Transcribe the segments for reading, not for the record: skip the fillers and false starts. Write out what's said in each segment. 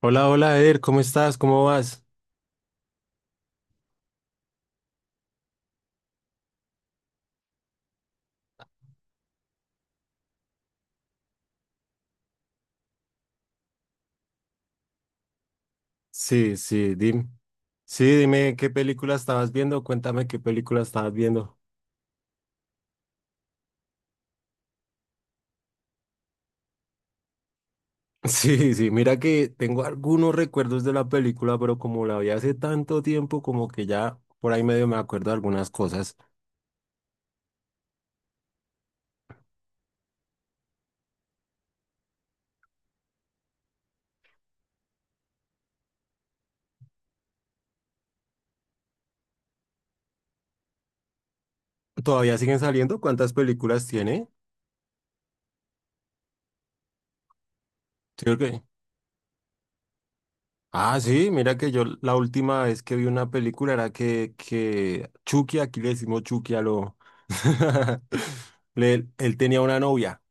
Hola, hola, Eder, ¿cómo estás? ¿Cómo vas? Sí, sí, dime. Sí, dime qué película estabas viendo, cuéntame qué película estabas viendo. Sí, sí, mira que tengo algunos recuerdos de la película, pero como la vi hace tanto tiempo, como que ya por ahí medio me acuerdo de algunas cosas. ¿Todavía siguen saliendo? ¿Cuántas películas tiene? Sí, ok. Ah, sí, mira que yo la última vez que vi una película era que Chucky, aquí le decimos Chucky a lo... él tenía una novia.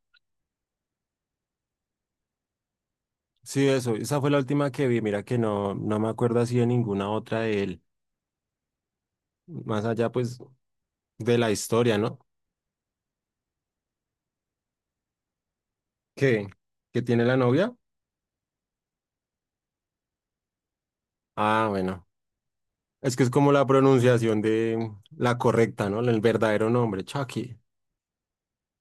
Sí, eso, esa fue la última que vi, mira que no me acuerdo así de ninguna otra de él, más allá pues de la historia, ¿no? ¿Qué? ¿Que tiene la novia? Ah, bueno, es que es como la pronunciación de la correcta, ¿no? El verdadero nombre, Chucky,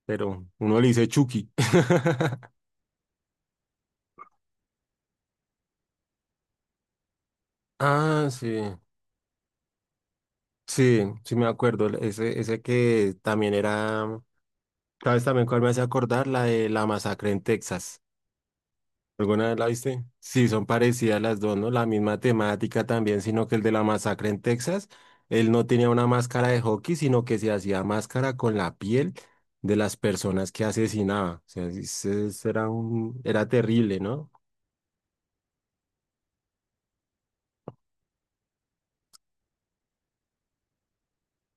pero uno le dice Chucky. Ah, sí, sí me acuerdo, ese que también era, ¿sabes también cuál me hace acordar? La de la masacre en Texas. ¿Alguna vez la viste? Sí, son parecidas las dos, ¿no? La misma temática también, sino que el de la masacre en Texas, él no tenía una máscara de hockey, sino que se hacía máscara con la piel de las personas que asesinaba. O sea, ese era era terrible, ¿no?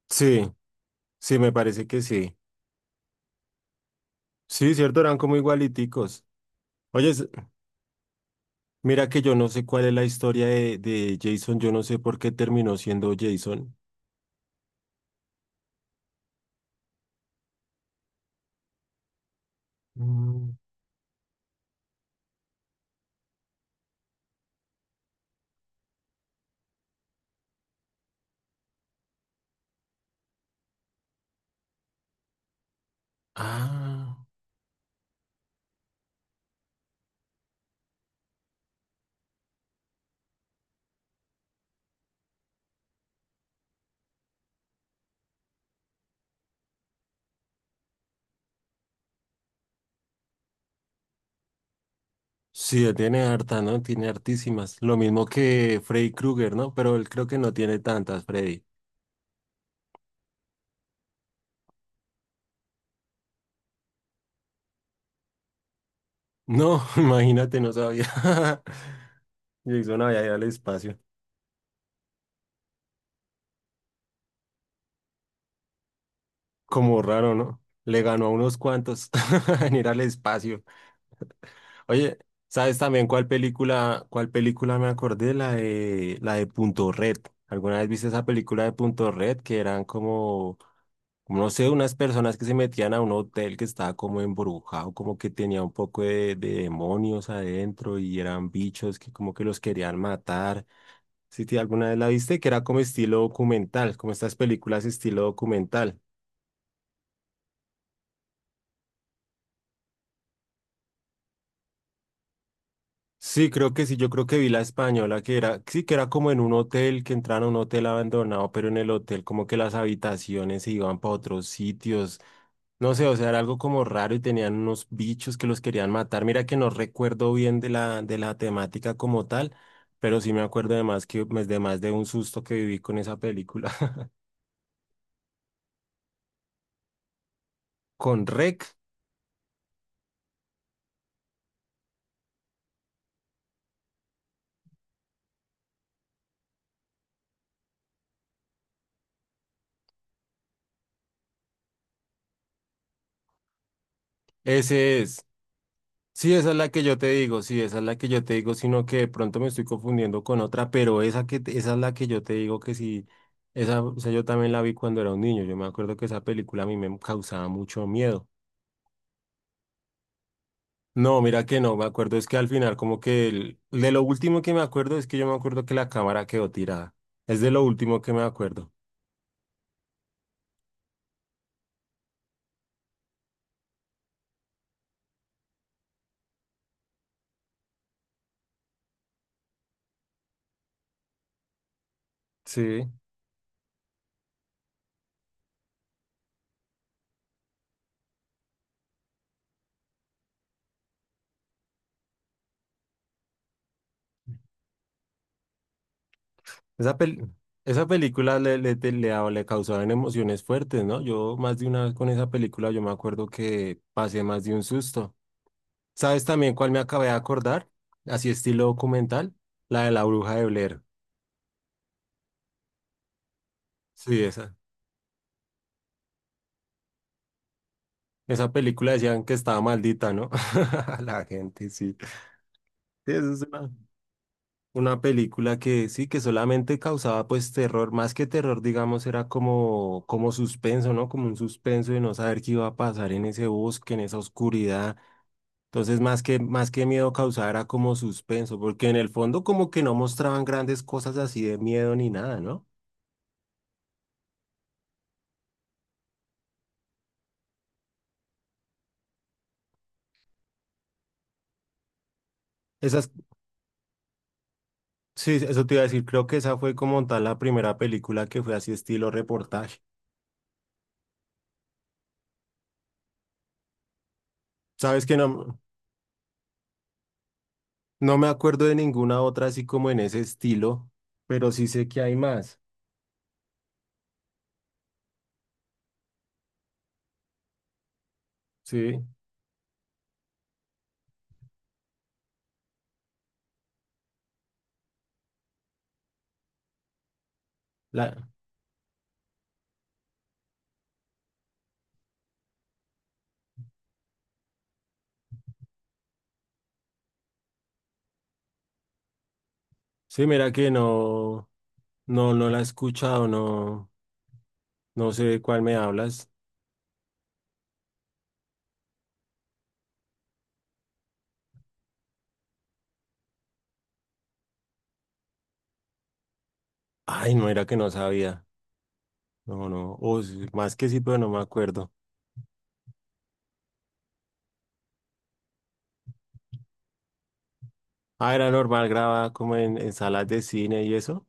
Sí, sí, me parece que sí. Sí, cierto, eran como igualiticos. Oye, mira que yo no sé cuál es la historia de Jason, yo no sé por qué terminó siendo Jason. Mm. Ah. Sí, tiene harta, ¿no? Tiene hartísimas. Lo mismo que Freddy Krueger, ¿no? Pero él creo que no tiene tantas, Freddy. No, imagínate, no sabía. Jason había ido al espacio. Como raro, ¿no? Le ganó a unos cuantos en ir al espacio. Oye, ¿sabes también cuál película me acordé? La la de Punto Red. ¿Alguna vez viste esa película de Punto Red? Que eran como como no sé, unas personas que se metían a un hotel que estaba como embrujado, como que tenía un poco de demonios adentro y eran bichos que como que los querían matar. Si te alguna vez la viste, que era como estilo documental, como estas películas estilo documental. Sí, creo que sí, yo creo que vi la española que era, sí, que era como en un hotel, que entraron a un hotel abandonado, pero en el hotel como que las habitaciones se iban para otros sitios. No sé, o sea, era algo como raro y tenían unos bichos que los querían matar. Mira que no recuerdo bien de de la temática como tal, pero sí me acuerdo de más que pues, de más de un susto que viví con esa película. Con Rec, ese es. Sí, esa es la que yo te digo, sí, esa es la que yo te digo, sino que de pronto me estoy confundiendo con otra, pero esa esa es la que yo te digo que sí, esa, o sea, yo también la vi cuando era un niño. Yo me acuerdo que esa película a mí me causaba mucho miedo. No, mira que no, me acuerdo, es que al final como que de lo último que me acuerdo es que yo me acuerdo que la cámara quedó tirada. Es de lo último que me acuerdo. Sí, esa pel- esa película le, le, te- le, daba- le causaban emociones fuertes, ¿no? Yo más de una vez con esa película yo me acuerdo que pasé más de un susto. ¿Sabes también cuál me acabé de acordar? Así estilo documental, la de la bruja de Blair. Sí, esa. Esa película decían que estaba maldita, ¿no? La gente, sí. Sí, eso es una película que sí, que solamente causaba pues terror, más que terror, digamos, era como, como suspenso, ¿no? Como un suspenso de no saber qué iba a pasar en ese bosque, en esa oscuridad. Entonces, más que miedo causaba era como suspenso, porque en el fondo como que no mostraban grandes cosas así de miedo ni nada, ¿no? Esas, sí, eso te iba a decir, creo que esa fue como tal la primera película que fue así estilo reportaje. Sabes que no, no me acuerdo de ninguna otra así como en ese estilo, pero sí sé que hay más, ¿sí? La... Sí, mira que no la he escuchado, no, no sé de cuál me hablas. Ay, no era que no sabía. No, no. O sí, más que sí, pero no me acuerdo. Ah, era normal, grababa como en salas de cine y eso.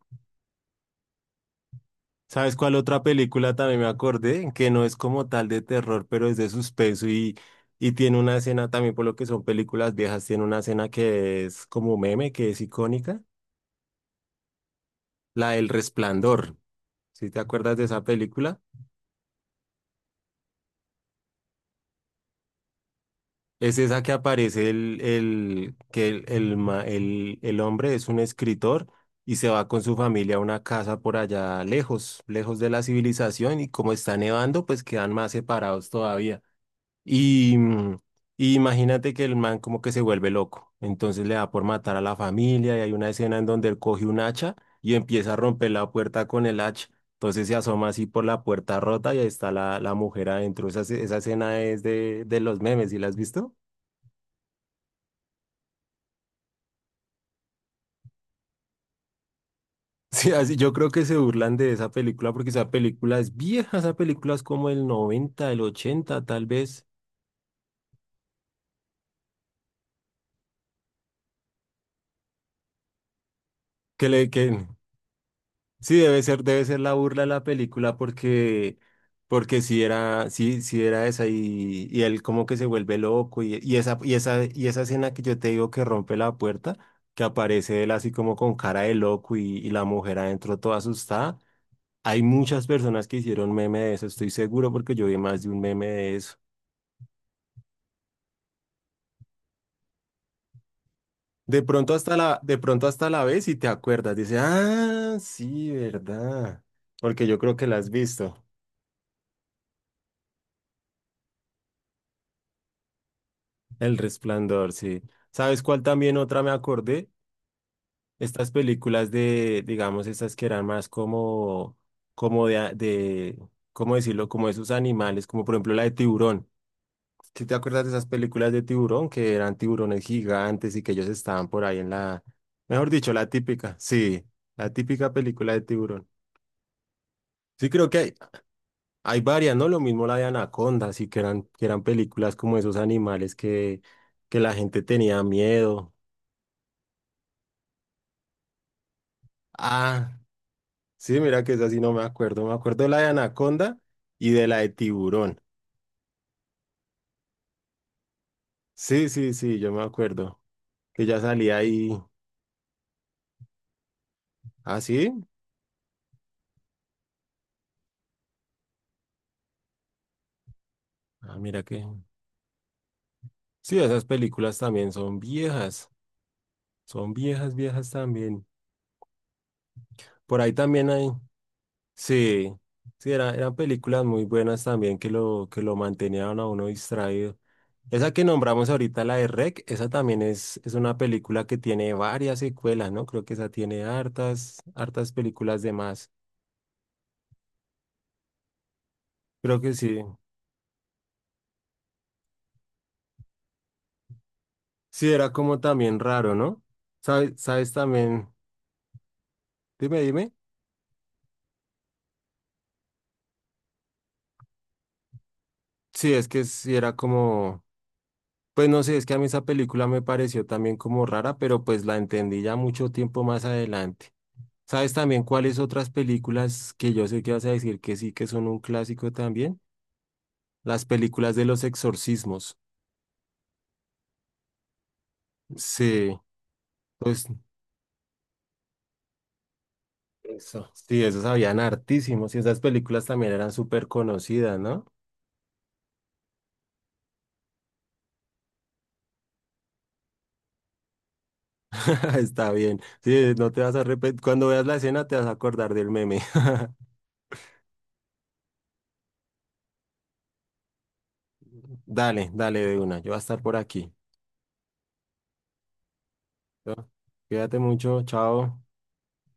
¿Sabes cuál otra película también me acordé? Que no es como tal de terror, pero es de suspenso y tiene una escena también, por lo que son películas viejas, tiene una escena que es como meme, que es icónica, la del Resplandor. ¿Sí te acuerdas de esa película? Es esa que aparece el, que el, ma- el hombre es un escritor y se va con su familia a una casa por allá lejos, lejos de la civilización y como está nevando, pues quedan más separados todavía. Y, y imagínate que el man como que se vuelve loco, entonces le da por matar a la familia y hay una escena en donde él coge un hacha y empieza a romper la puerta con el hacha. Entonces se asoma así por la puerta rota y ahí está la, la mujer adentro. Esa escena es de los memes, ¿y la has visto? Sí, yo creo que se burlan de esa película porque esa película es vieja, esa película es como el 90 el 80 tal vez. Que le que sí debe ser, debe ser la burla de la película porque porque si era sí sí era esa y él como que se vuelve loco y, y esa escena que yo te digo que rompe la puerta, que aparece él así como con cara de loco y la mujer adentro toda asustada. Hay muchas personas que hicieron meme de eso, estoy seguro porque yo vi más de un meme de eso. De pronto hasta la ves y te acuerdas. Dice, ah, sí, verdad. Porque yo creo que la has visto. El Resplandor, sí. ¿Sabes cuál también otra me acordé? Estas películas de, digamos, estas que eran más como, como de, a- de, ¿cómo decirlo? Como esos animales, como por ejemplo la de Tiburón. ¿Sí te acuerdas de esas películas de Tiburón que eran tiburones gigantes y que ellos estaban por ahí en la, mejor dicho, la típica, sí, la típica película de Tiburón. Sí, creo que hay varias, ¿no? Lo mismo la de Anaconda, sí, que eran películas como esos animales que la gente tenía miedo. Ah, sí, mira que esa sí no me acuerdo. Me acuerdo de la de Anaconda y de la de Tiburón. Sí, sí, sí, yo me acuerdo. Que ya salía ahí. Ah, sí. Ah, mira que. Sí, esas películas también son viejas. Son viejas, viejas también. Por ahí también hay. Sí, sí, eran películas muy buenas también que lo mantenían a uno distraído. Esa que nombramos ahorita, la de REC, esa también es una película que tiene varias secuelas, ¿no? Creo que esa tiene hartas, hartas películas de más. Creo que sí. Sí, era como también raro, ¿no? ¿Sabes, sabes también? Dime, dime. Sí, es que sí era como, pues no sé, es que a mí esa película me pareció también como rara, pero pues la entendí ya mucho tiempo más adelante. ¿Sabes también cuáles otras películas que yo sé que vas a decir que sí, que son un clásico también? Las películas de los exorcismos. Sí, pues eso. Sí, esos habían hartísimos y esas películas también eran súper conocidas, ¿no? Está bien. Sí, no te vas a repetir. Cuando veas la escena te vas a acordar del meme. Dale, dale de una. Yo voy a estar por aquí. ¿No? Cuídate mucho. Chao.